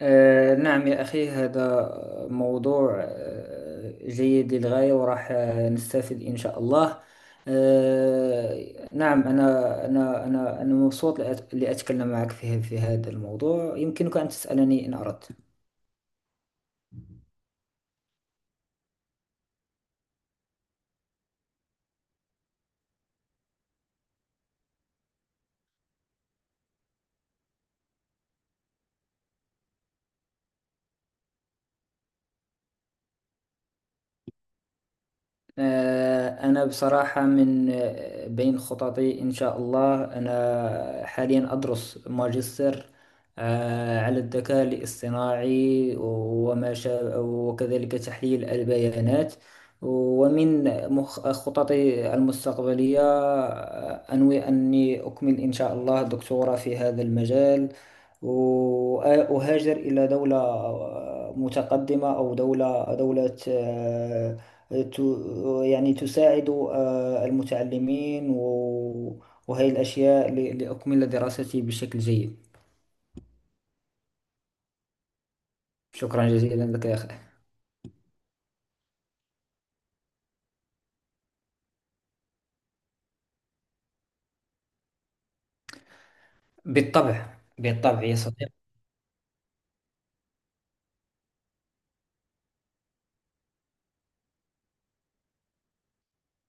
نعم يا أخي، هذا موضوع جيد للغاية، وراح نستفيد إن شاء الله. نعم، أنا مبسوط لأتكلم معك في هذا الموضوع. يمكنك أن تسألني إن أردت. أنا بصراحة من بين خططي، إن شاء الله أنا حاليا أدرس ماجستير على الذكاء الاصطناعي وما شابه، وكذلك تحليل البيانات. ومن خططي المستقبلية أنوي أني أكمل إن شاء الله دكتوراه في هذا المجال، وأهاجر إلى دولة متقدمة، أو دولة ت- يعني تساعد المتعلمين وهي الأشياء لأكمل دراستي بشكل جيد. شكرا جزيلا لك يا أخي. بالطبع بالطبع يا صديقي.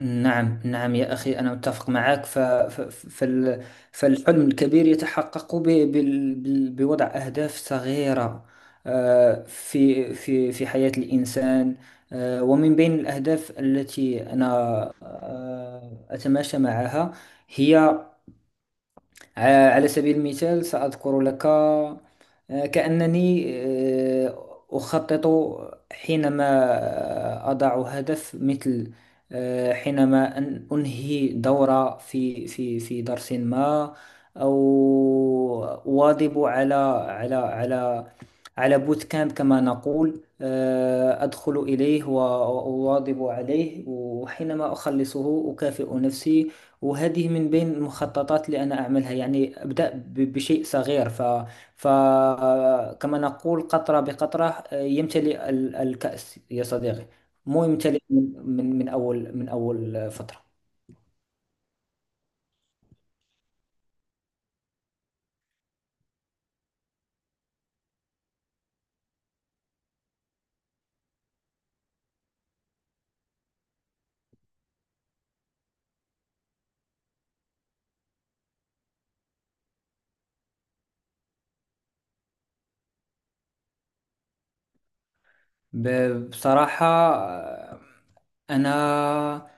نعم نعم يا أخي، أنا متفق معك. فال... فالحلم الكبير يتحقق بوضع أهداف صغيرة في حياة الإنسان. ومن بين الأهداف التي أنا أتماشى معها، هي على سبيل المثال سأذكر لك. كأنني أخطط حينما أضع هدف، مثل حينما أن أنهي دورة في درس ما، أو أواظب على على على بوت كامب كما نقول. أدخل إليه وأواظب عليه، وحينما أخلصه أكافئ نفسي. وهذه من بين المخططات اللي أنا أعملها، يعني أبدأ بشيء صغير. فكما نقول: قطرة بقطرة يمتلئ الكأس يا صديقي. مو يمتلئ من أول، من أول فترة. بصراحة آه، أنا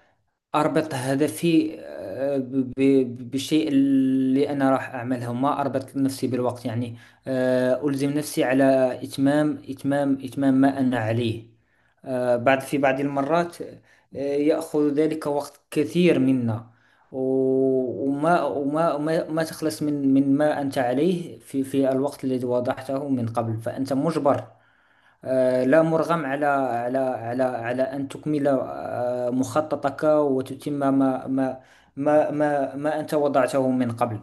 أربط هدفي بالشيء اللي أنا راح أعمله، ما أربط نفسي بالوقت يعني. ألزم نفسي على إتمام ما أنا عليه. بعد، في بعض المرات يأخذ ذلك وقت كثير منا. وما ما تخلص من ما أنت عليه في الوقت الذي وضعته من قبل، فأنت مجبر لا مرغم على أن تكمل مخططك، وتتم ما ما أنت وضعته من قبل.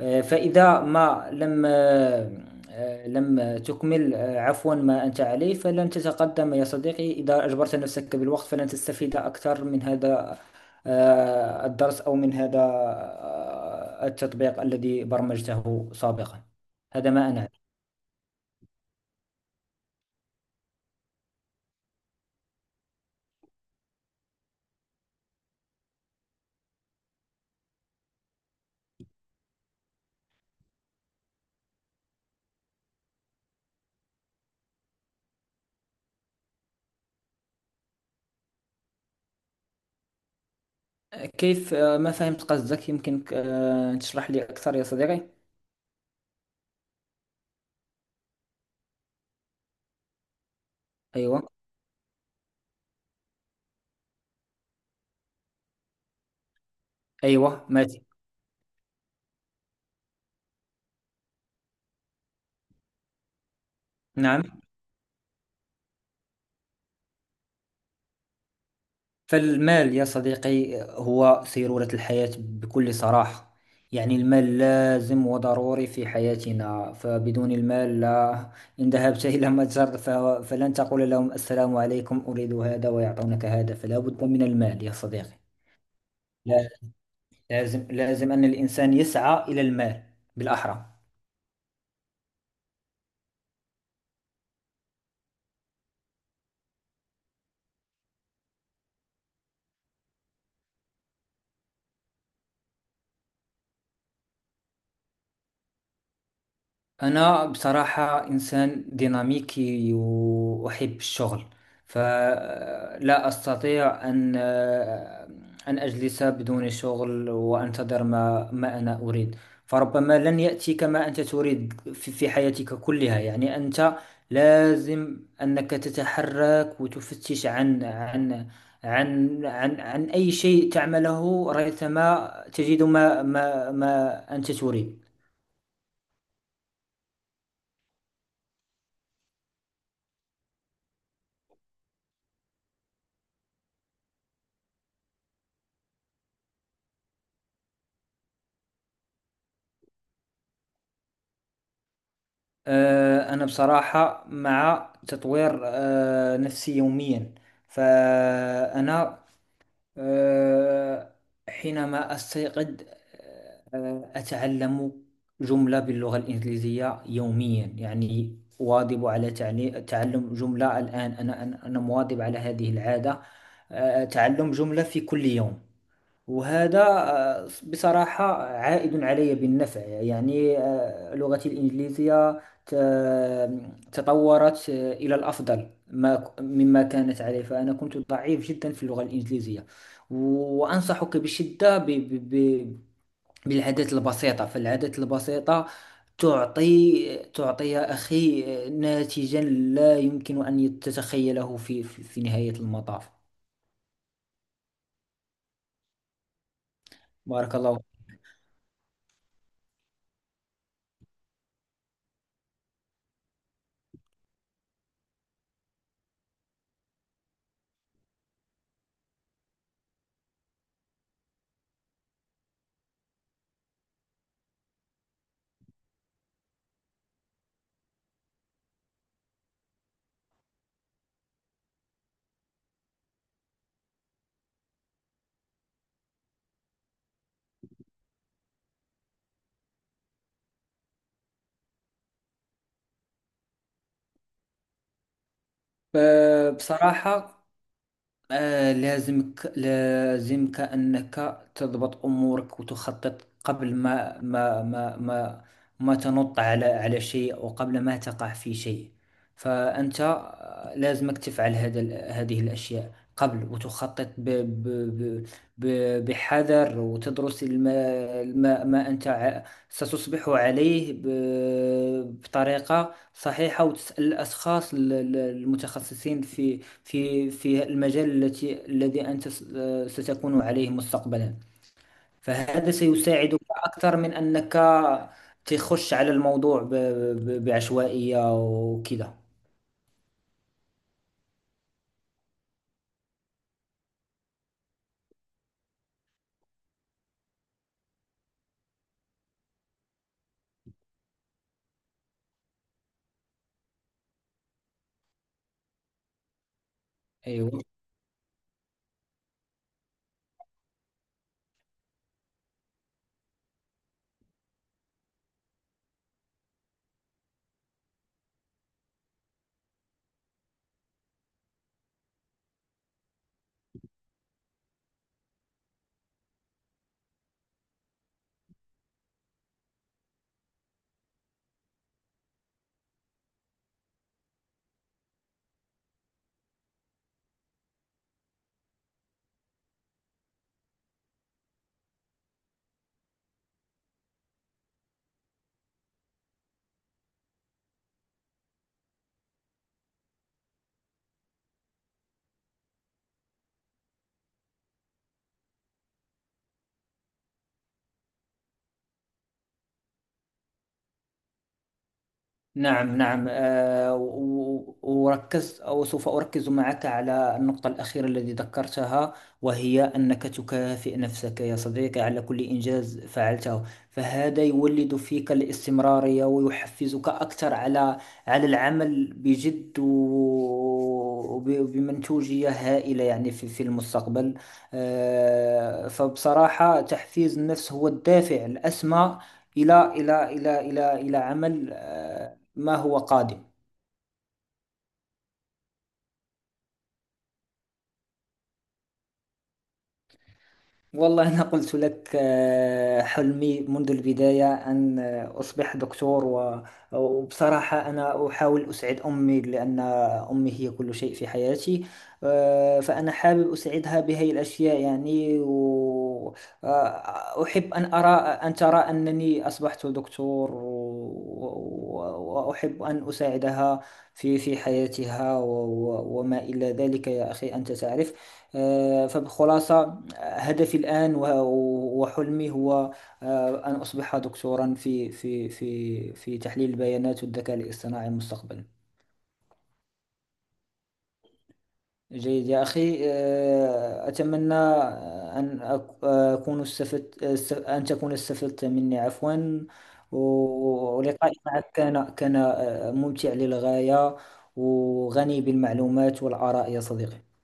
فإذا ما لم آه، آه، لم تكمل عفوا، ما أنت عليه، فلن تتقدم يا صديقي. إذا أجبرت نفسك بالوقت فلن تستفيد أكثر من هذا الدرس، أو من هذا التطبيق الذي برمجته سابقا. هذا ما أنا... كيف، ما فهمت قصدك، يمكنك تشرح لي أكثر يا صديقي؟ أيوة. أيوة ماتي. نعم، فالمال يا صديقي هو سيرورة الحياة بكل صراحة. يعني المال لازم وضروري في حياتنا، فبدون المال لا. إن ذهبت إلى متجر فلن تقول لهم السلام عليكم أريد هذا ويعطونك هذا، فلا بد من المال يا صديقي. لا- لازم لازم أن الإنسان يسعى إلى المال بالأحرى. أنا بصراحة إنسان ديناميكي وأحب الشغل، فلا أستطيع أن أجلس بدون شغل وأنتظر ما أنا أريد. فربما لن يأتيك ما أنت تريد في حياتك كلها، يعني أنت لازم أنك تتحرك وتفتش عن أي شيء تعمله ريثما تجد ما أنت تريد. أنا بصراحة مع تطوير نفسي يوميا. فأنا آه، حينما أستيقظ أتعلم جملة باللغة الإنجليزية يوميا، يعني واظب على تعلم جملة. الآن أنا مواظب على هذه العادة، تعلم جملة في كل يوم. وهذا بصراحة عائد علي بالنفع، يعني لغتي الإنجليزية تطورت إلى الأفضل ما مما كانت عليه، فأنا كنت ضعيف جدا في اللغة الإنجليزية. وأنصحك بشدة بالعادات البسيطة، فالعادات البسيطة تعطي تعطي يا أخي ناتجا لا يمكن أن تتخيله في نهاية المطاف. بارك الله. بصراحة لازمك أنك تضبط أمورك وتخطط قبل ما تنط على شيء، أو قبل ما تقع في شيء. فأنت لازمك تفعل هذه الأشياء قبل، وتخطط ب بحذر، وتدرس الما ما, ما أنت ستصبح عليه بطريقة صحيحة، وتسأل الأشخاص المتخصصين في المجال الذي أنت ستكون عليه مستقبلا، فهذا سيساعدك أكثر من أنك تخش على الموضوع بعشوائية وكذا. أيوة. نعم نعم وركزت، أو سوف أركز معك على النقطة الأخيرة التي ذكرتها، وهي أنك تكافئ نفسك يا صديقي على كل إنجاز فعلته. فهذا يولد فيك الاستمرارية ويحفزك أكثر على العمل بجد وبمنتوجية هائلة، يعني في المستقبل. فبصراحة، تحفيز النفس هو الدافع الأسمى إلى عمل ما هو قادم. والله، أنا قلت لك حلمي منذ البداية أن أصبح دكتور، وبصراحة أنا أحاول أسعد أمي، لأن أمي هي كل شيء في حياتي. فأنا حابب أسعدها بهذه الأشياء يعني، وأحب أن أرى، أن ترى أنني أصبحت دكتور، وأحب أن أساعدها في حياتها، وما إلى ذلك يا أخي أنت تعرف. فبخلاصة، هدفي الآن وحلمي هو أن أصبح دكتورا في تحليل البيانات والذكاء الاصطناعي مستقبلا. جيد يا أخي. أتمنى أن أكون استفدت، أن تكون استفدت مني، عفوا. ولقائي معك كان كان ممتع للغاية وغني بالمعلومات والآراء يا صديقي.